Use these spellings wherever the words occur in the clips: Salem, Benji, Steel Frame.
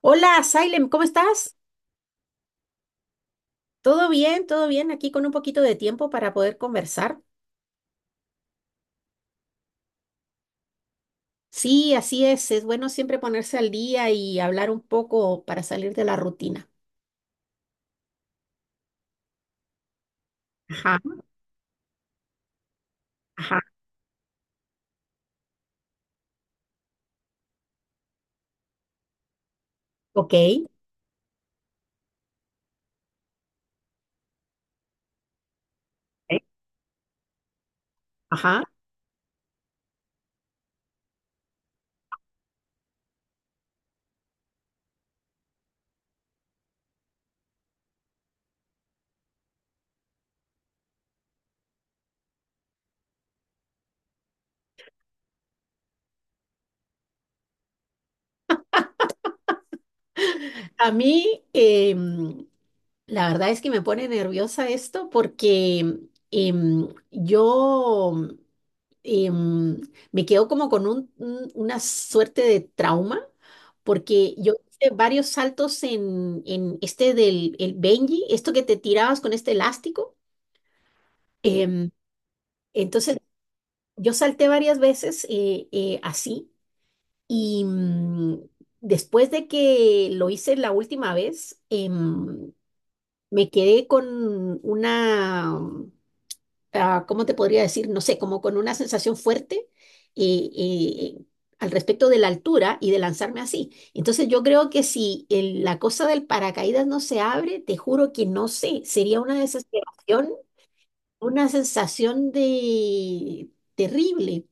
Hola, Salem, ¿cómo estás? ¿Todo bien? ¿Todo bien? Aquí con un poquito de tiempo para poder conversar. Sí, así es. Es bueno siempre ponerse al día y hablar un poco para salir de la rutina. Ajá, ajá, ok. Ok, ajá. A mí, la verdad es que me pone nerviosa esto porque yo em, me quedo como con una suerte de trauma porque yo hice varios saltos en este del el Benji, esto que te tirabas con este elástico. em, entonces yo salté varias veces así y después de que lo hice la última vez, me quedé con una, ah, ¿cómo te podría decir? No sé, como con una sensación fuerte y al respecto de la altura y de lanzarme así. Entonces yo creo que si la cosa del paracaídas no se abre, te juro que no sé, sería una desesperación, una sensación de terrible.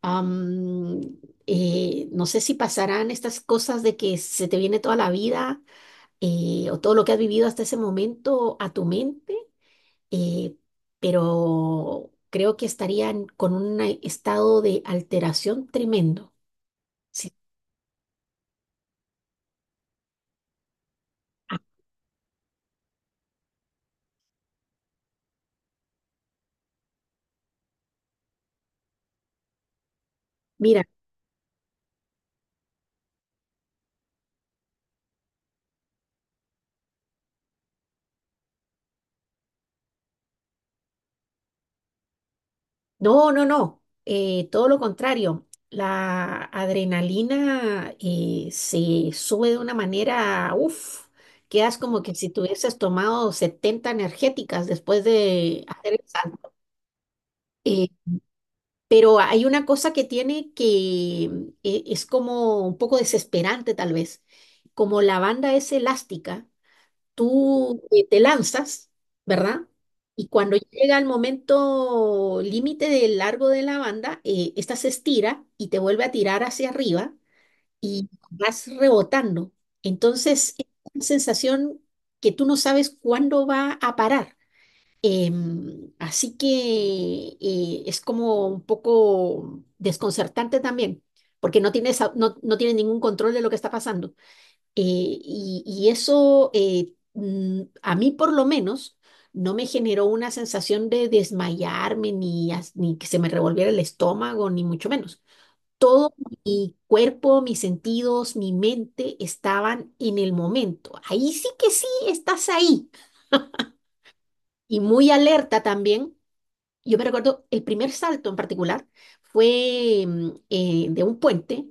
Am, no sé si pasarán estas cosas de que se te viene toda la vida o todo lo que has vivido hasta ese momento a tu mente, eh, pero creo que estarían con un estado de alteración tremendo. Sí. Ah, mira, no, no, no, todo lo contrario. La adrenalina se sube de una manera, uff, quedas como que si tuvieses tomado 70 energéticas después de hacer el salto. Eh, pero hay una cosa que tiene que, es como un poco desesperante tal vez. Como la banda es elástica, tú te lanzas, ¿verdad? Y cuando llega el momento límite del largo de la banda, esta se estira y te vuelve a tirar hacia arriba y vas rebotando. Entonces, es una sensación que tú no sabes cuándo va a parar. Así que, es como un poco desconcertante también, porque no tienes, no, no tienes ningún control de lo que está pasando. Eh, y eso, a mí por lo menos no me generó una sensación de desmayarme ni, ni que se me revolviera el estómago, ni mucho menos. Todo mi cuerpo, mis sentidos, mi mente estaban en el momento. Ahí sí que sí, estás ahí. Y muy alerta también. Yo me recuerdo el primer salto en particular fue de un puente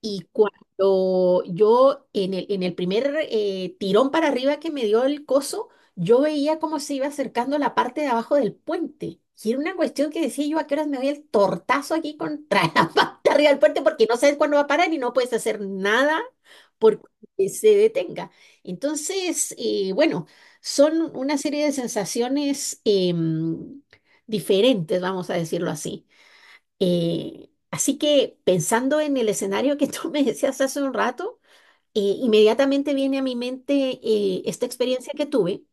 y cuando yo, en el primer tirón para arriba que me dio el coso, yo veía cómo se iba acercando la parte de abajo del puente. Y era una cuestión que decía yo, ¿a qué horas me doy el tortazo aquí contra la parte arriba del puente? Porque no sabes cuándo va a parar y no puedes hacer nada porque se detenga. Entonces, bueno, son una serie de sensaciones diferentes, vamos a decirlo así. Así que pensando en el escenario que tú me decías hace un rato, inmediatamente viene a mi mente esta experiencia que tuve.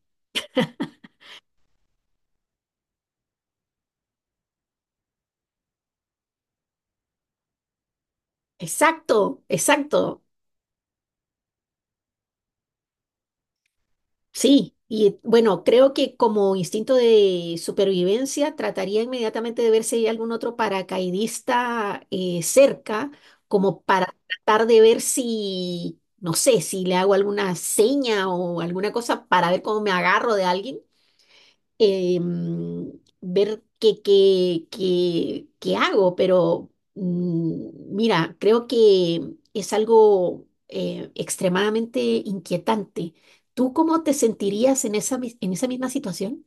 Exacto, exacto, sí. Y bueno, creo que como instinto de supervivencia trataría inmediatamente de ver si hay algún otro paracaidista cerca, como para tratar de ver si, no sé, si le hago alguna seña o alguna cosa para ver cómo me agarro de alguien em, ver qué hago, pero mira, creo que es algo extremadamente inquietante. ¿Tú cómo te sentirías en esa misma situación?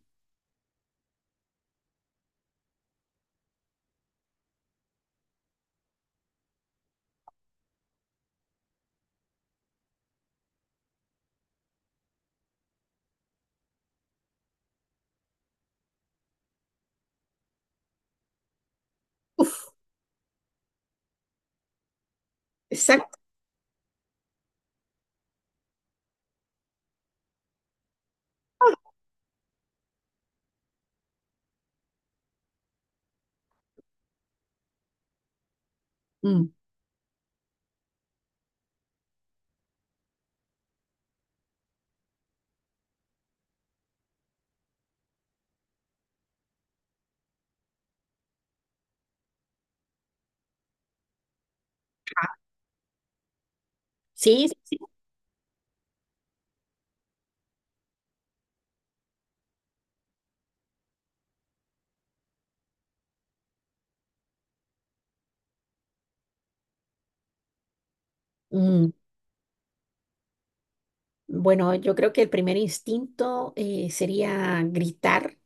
Exacto. Mm, sí, sí, sí. Mm, Bueno, yo creo que el primer instinto sería gritar.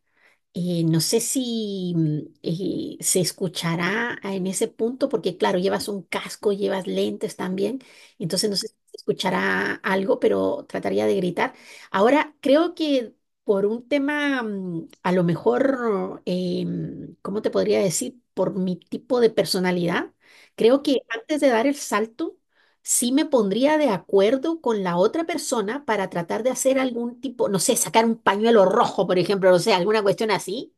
No sé si se escuchará en ese punto, porque claro, llevas un casco, llevas lentes también, entonces no sé si se escuchará algo, pero trataría de gritar. Ahora, creo que por un tema, a lo mejor, ¿cómo te podría decir? Por mi tipo de personalidad, creo que antes de dar el salto, sí me pondría de acuerdo con la otra persona para tratar de hacer algún tipo, no sé, sacar un pañuelo rojo, por ejemplo, no sé, alguna cuestión así,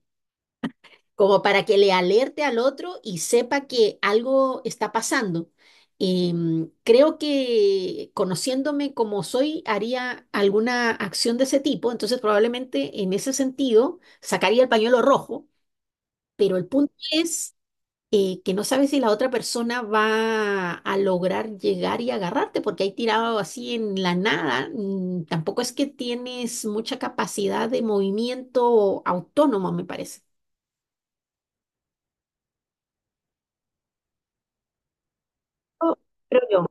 como para que le alerte al otro y sepa que algo está pasando. Creo que conociéndome como soy, haría alguna acción de ese tipo, entonces probablemente en ese sentido sacaría el pañuelo rojo, pero el punto es que no sabes si la otra persona va a lograr llegar y agarrarte, porque ahí tirado así en la nada, tampoco es que tienes mucha capacidad de movimiento autónomo, me parece. Oh, creo yo.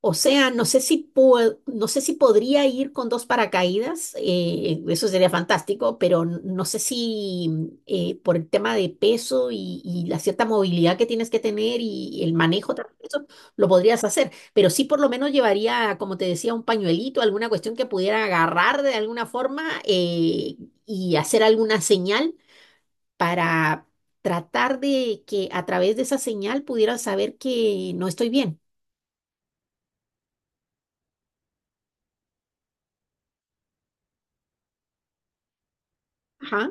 O sea, no sé si podría ir con dos paracaídas, eso sería fantástico, pero no sé si por el tema de peso y la cierta movilidad que tienes que tener y el manejo, también, eso lo podrías hacer, pero sí por lo menos llevaría, como te decía, un pañuelito, alguna cuestión que pudiera agarrar de alguna forma y hacer alguna señal para tratar de que a través de esa señal pudieran saber que no estoy bien. Ajá.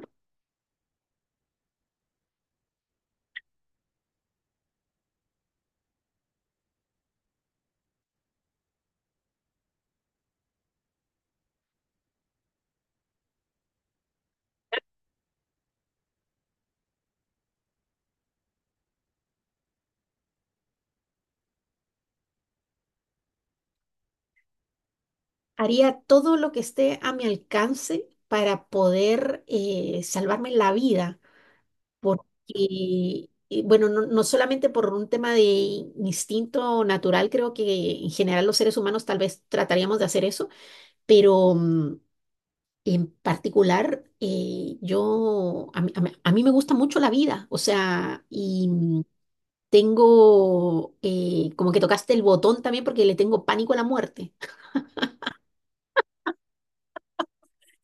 Haría todo lo que esté a mi alcance para poder salvarme la vida, porque, bueno, no, no solamente por un tema de instinto natural, creo que en general los seres humanos tal vez trataríamos de hacer eso, pero en particular yo, a mí me gusta mucho la vida, o sea, y tengo, como que tocaste el botón también porque le tengo pánico a la muerte.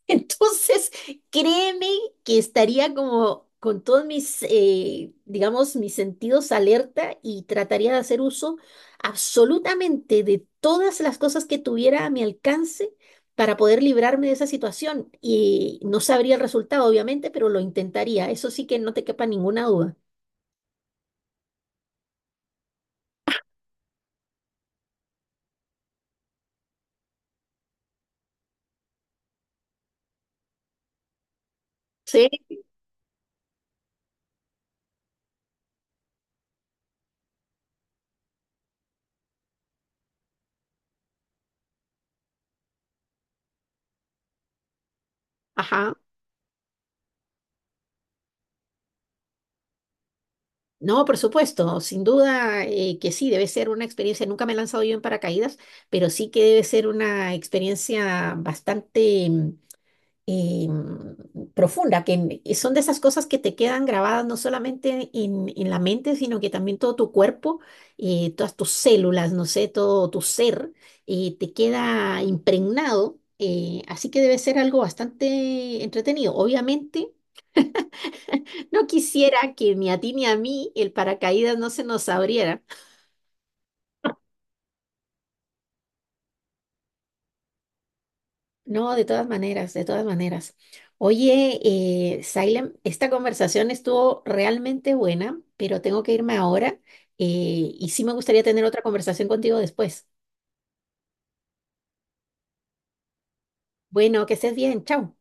Entonces, créeme que estaría como con todos mis, digamos, mis sentidos alerta y trataría de hacer uso absolutamente de todas las cosas que tuviera a mi alcance para poder librarme de esa situación. Y no sabría el resultado, obviamente, pero lo intentaría. Eso sí que no te quepa ninguna duda. Sí, ajá. No, por supuesto, sin duda que sí, debe ser una experiencia, nunca me he lanzado yo en paracaídas, pero sí que debe ser una experiencia bastante profunda, que y son de esas cosas que te quedan grabadas no solamente en la mente, sino que también todo tu cuerpo, todas tus células, no sé, todo tu ser, te queda impregnado, así que debe ser algo bastante entretenido. Obviamente no quisiera que ni a ti ni a mí el paracaídas no se nos abriera. No, de todas maneras, de todas maneras. Oye, Sailem, esta conversación estuvo realmente buena, pero tengo que irme ahora y sí me gustaría tener otra conversación contigo después. Bueno, que estés bien, chao.